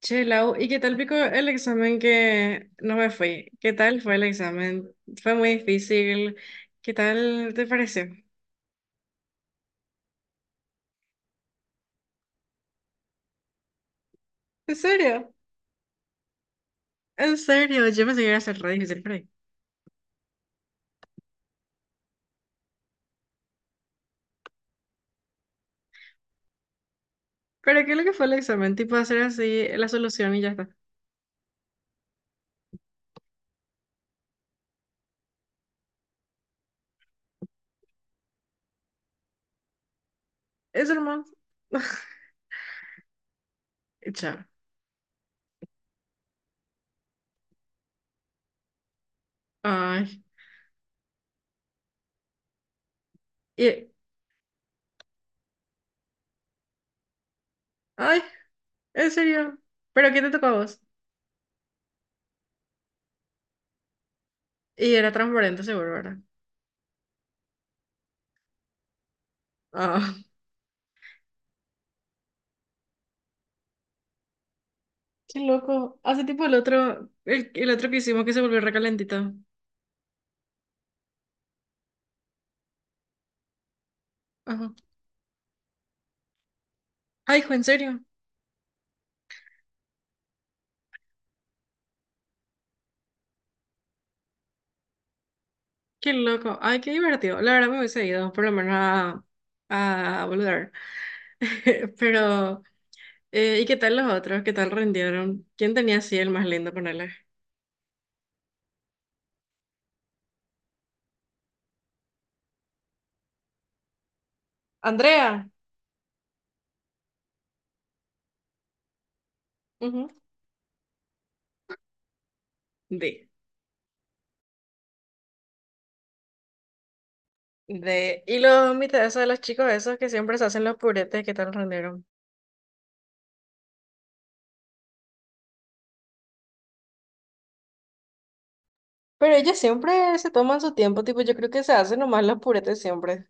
Che, Lau, ¿y qué tal pico el examen que no me fui? ¿Qué tal fue el examen? ¿Fue muy difícil? ¿Qué tal te pareció? ¿En serio? ¿En serio? Yo pensé que iba a ser re difícil por ahí. ¿Pero qué es lo que fue el examen? Tipo hacer así la solución y ya está. Eso nomás. Y chao. Ay. Y- Ay, ¿en serio? ¿Pero qué te tocó a vos? Y era transparente seguro, ¿verdad? Ah, qué loco. Hace tipo el otro, el otro que hicimos que se volvió recalentito. Ajá. Ay, hijo, ¿en serio? Qué loco. Ay, qué divertido. La verdad me hubiese ido, por lo menos a boludear. Pero, ¿y qué tal los otros? ¿Qué tal rindieron? ¿Quién tenía así el más lindo, ponele? Andrea, ujú. De. De. ¿Y los mitades de los chicos esos que siempre se hacen los puretes? ¿Qué tal rindieron? Pero ellos siempre se toman su tiempo, tipo, yo creo que se hacen nomás los puretes siempre.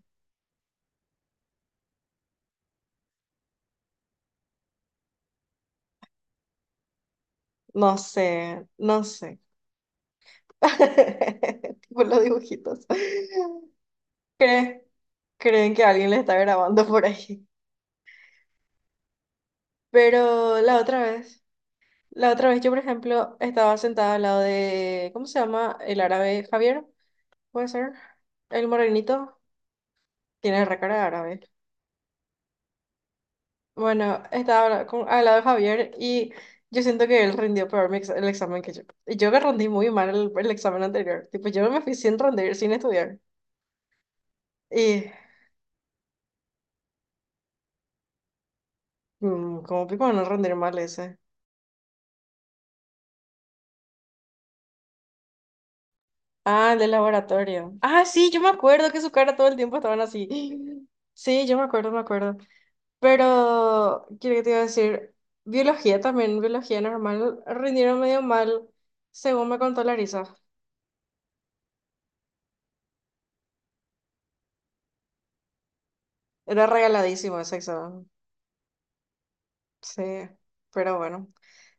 No sé, no sé. Tipo los dibujitos. ¿Crees? Creen que alguien les está grabando por ahí. Pero la otra vez yo, por ejemplo, estaba sentada al lado de, ¿cómo se llama? El árabe Javier, puede ser. El morenito tiene recara de árabe. Bueno, estaba al lado de Javier y yo siento que él rindió peor el examen que yo. Y yo que rendí muy mal el examen anterior. Tipo, yo me fui sin rendir, sin estudiar. Y, ¿Cómo pico no rendir mal ese? Ah, el del laboratorio. Ah, sí, yo me acuerdo que su cara todo el tiempo estaban así. Sí, yo me acuerdo, me acuerdo. Pero, quiero que te iba a decir, biología también, biología normal, rindieron medio mal, según me contó Larisa. Era regaladísimo ese examen. Sí, pero bueno,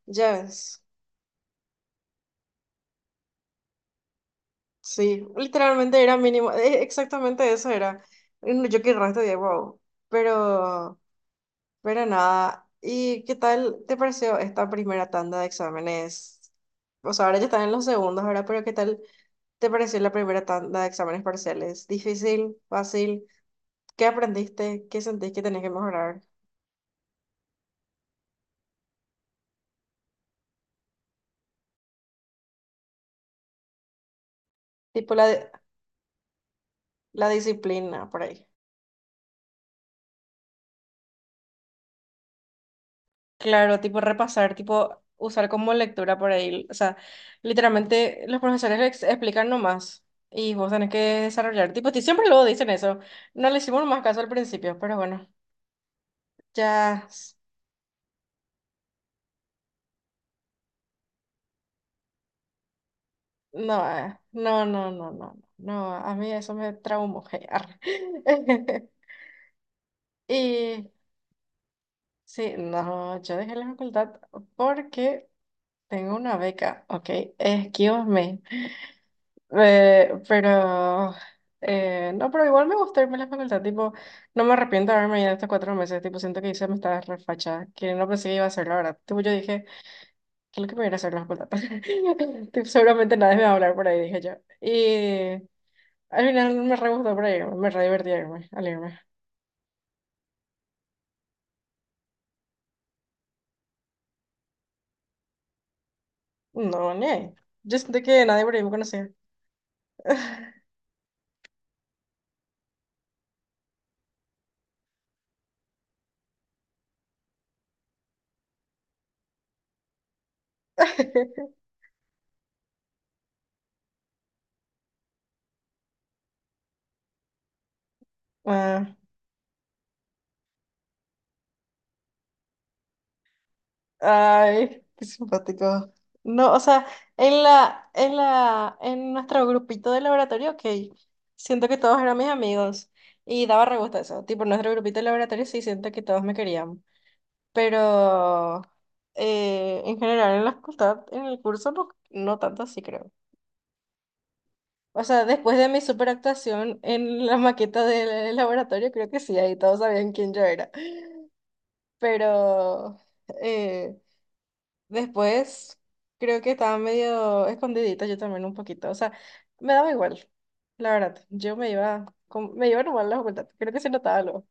ya ves. Sí, literalmente era mínimo, exactamente eso era. Mm, yo qué resto de wow. Pero... Pero nada, ¿y qué tal te pareció esta primera tanda de exámenes? O sea, ahora ya están en los segundos, ahora, pero ¿qué tal te pareció la primera tanda de exámenes parciales? ¿Difícil? ¿Fácil? ¿Qué aprendiste? ¿Qué sentís que tenés que mejorar? Tipo la disciplina por ahí. Claro, tipo repasar, tipo usar como lectura por ahí. O sea, literalmente los profesores explican nomás y vos tenés que desarrollar. Tipo, siempre luego dicen eso. No le hicimos más caso al principio, pero bueno, ya. No, no, no, no, no, no, a mí eso me traumó. Arre. Y sí, no, yo dejé la facultad porque tengo una beca, ok, excuse me. Eh, pero no, pero igual me gustó irme a la facultad, tipo, no me arrepiento de haberme ido estos 4 meses, tipo, siento que hice, me estaba refachada, que no pensé que iba a hacer, la verdad, tipo, yo dije, ¿qué es lo que me viene a ir a hacer a la facultad? Tipo, seguramente nadie me va a hablar por ahí, dije yo, y al final me re gustó reírme, me re divertí a irme. No, ne. Yo sentí que nadie por ahí me conocía. Ah, ay, qué simpático. No, o sea, en nuestro grupito de laboratorio, ok, siento que todos eran mis amigos y daba re gusto eso. Tipo, en nuestro grupito de laboratorio sí siento que todos me querían, pero en general en la facultad, en el curso, no, no tanto así creo. O sea, después de mi superactuación en la maqueta del laboratorio, creo que sí, ahí todos sabían quién yo era. Pero eh, después creo que estaba medio escondidita yo también un poquito. O sea, me daba igual, la verdad. Yo me iba, me iba normal a la facultad. Creo que se notaba algo.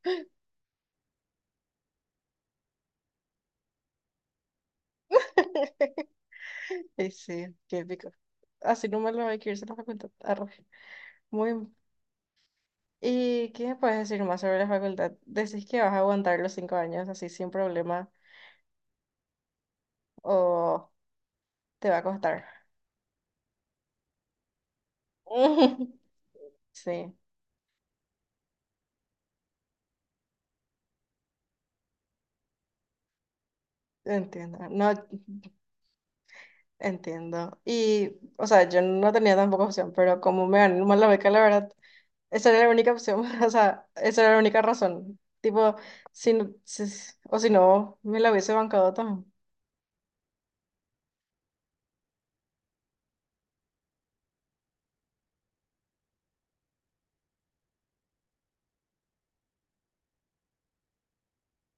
Y sí, qué épico. Así no me lo hay que irse a la facultad. Arre. Muy... ¿Y qué me puedes decir más sobre la facultad? Decís que vas a aguantar los 5 años así sin problema. O te va a costar. Sí, entiendo. No entiendo. Y, o sea, yo no tenía tampoco opción, pero como me ganó mal la beca, la verdad, esa era la única opción. O sea, esa era la única razón. Tipo, si, no- si- o si no, me la hubiese bancado también.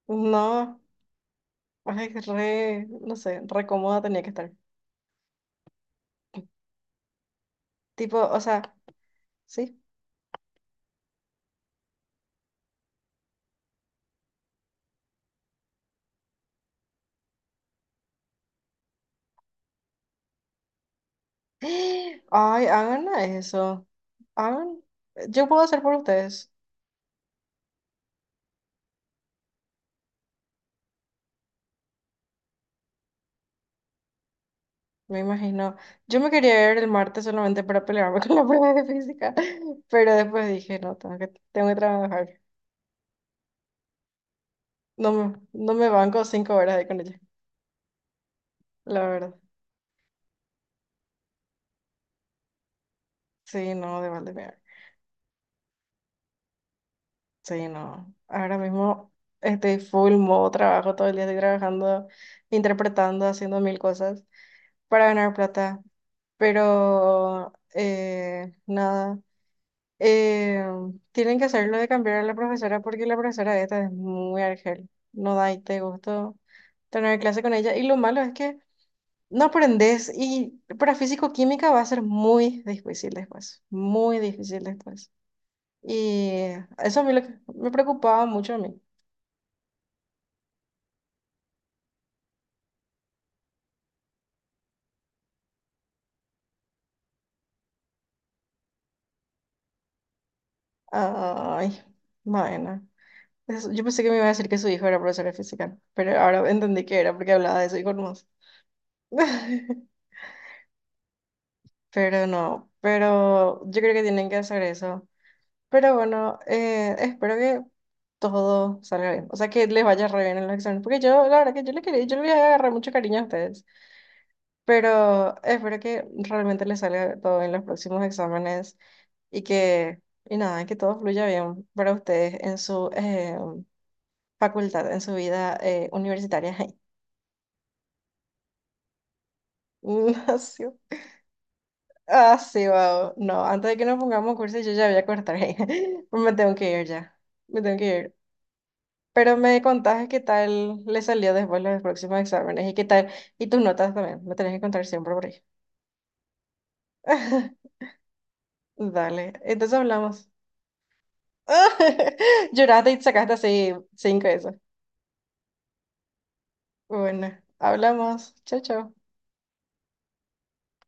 No, ay, re, no sé, re cómoda tenía que estar. Tipo, o sea, sí. Ay, hagan eso. Hagan. Yo puedo hacer por ustedes. Me imagino. Yo me quería ver el martes solamente para pelearme con la prueba de física, pero después dije, no, tengo que trabajar. No me banco 5 horas ahí con ella, la verdad. Sí, no, de Valdemar. Sí, no. Ahora mismo estoy full modo trabajo, todo el día estoy trabajando, interpretando, haciendo mil cosas para ganar plata, pero nada. Eh, Tienen que hacerlo de cambiar a la profesora porque la profesora de esta es muy argel. No da y te gustó tener clase con ella. Y lo malo es que no aprendes y para físico-química va a ser muy difícil después. Muy difícil después. Y Eso a mí lo que me preocupaba mucho a mí. Ay, bueno. Yo pensé que me iba a decir que su hijo era profesor de física, pero ahora entendí que era porque hablaba de eso y con más. Pero no, pero yo creo que tienen que hacer eso. Pero bueno, espero que todo salga bien. O sea, que les vaya re bien en los exámenes. Porque yo, la verdad que yo les quería, yo les voy a agarrar mucho cariño a ustedes. Pero espero que realmente les salga todo en los próximos exámenes y que, y nada, que todo fluya bien para ustedes en su facultad, en su vida universitaria. No, sí, ah, sí, wow. No, antes de que nos pongamos cursos, yo ya voy a cortar. Me tengo que ir ya. Me tengo que ir. Pero me contaste qué tal le salió después los próximos exámenes y qué tal, y tus notas también, me tenés que contar siempre por ahí. Dale, entonces hablamos. Lloraste y sacaste así 5 eso. Bueno, hablamos. Chao, chao.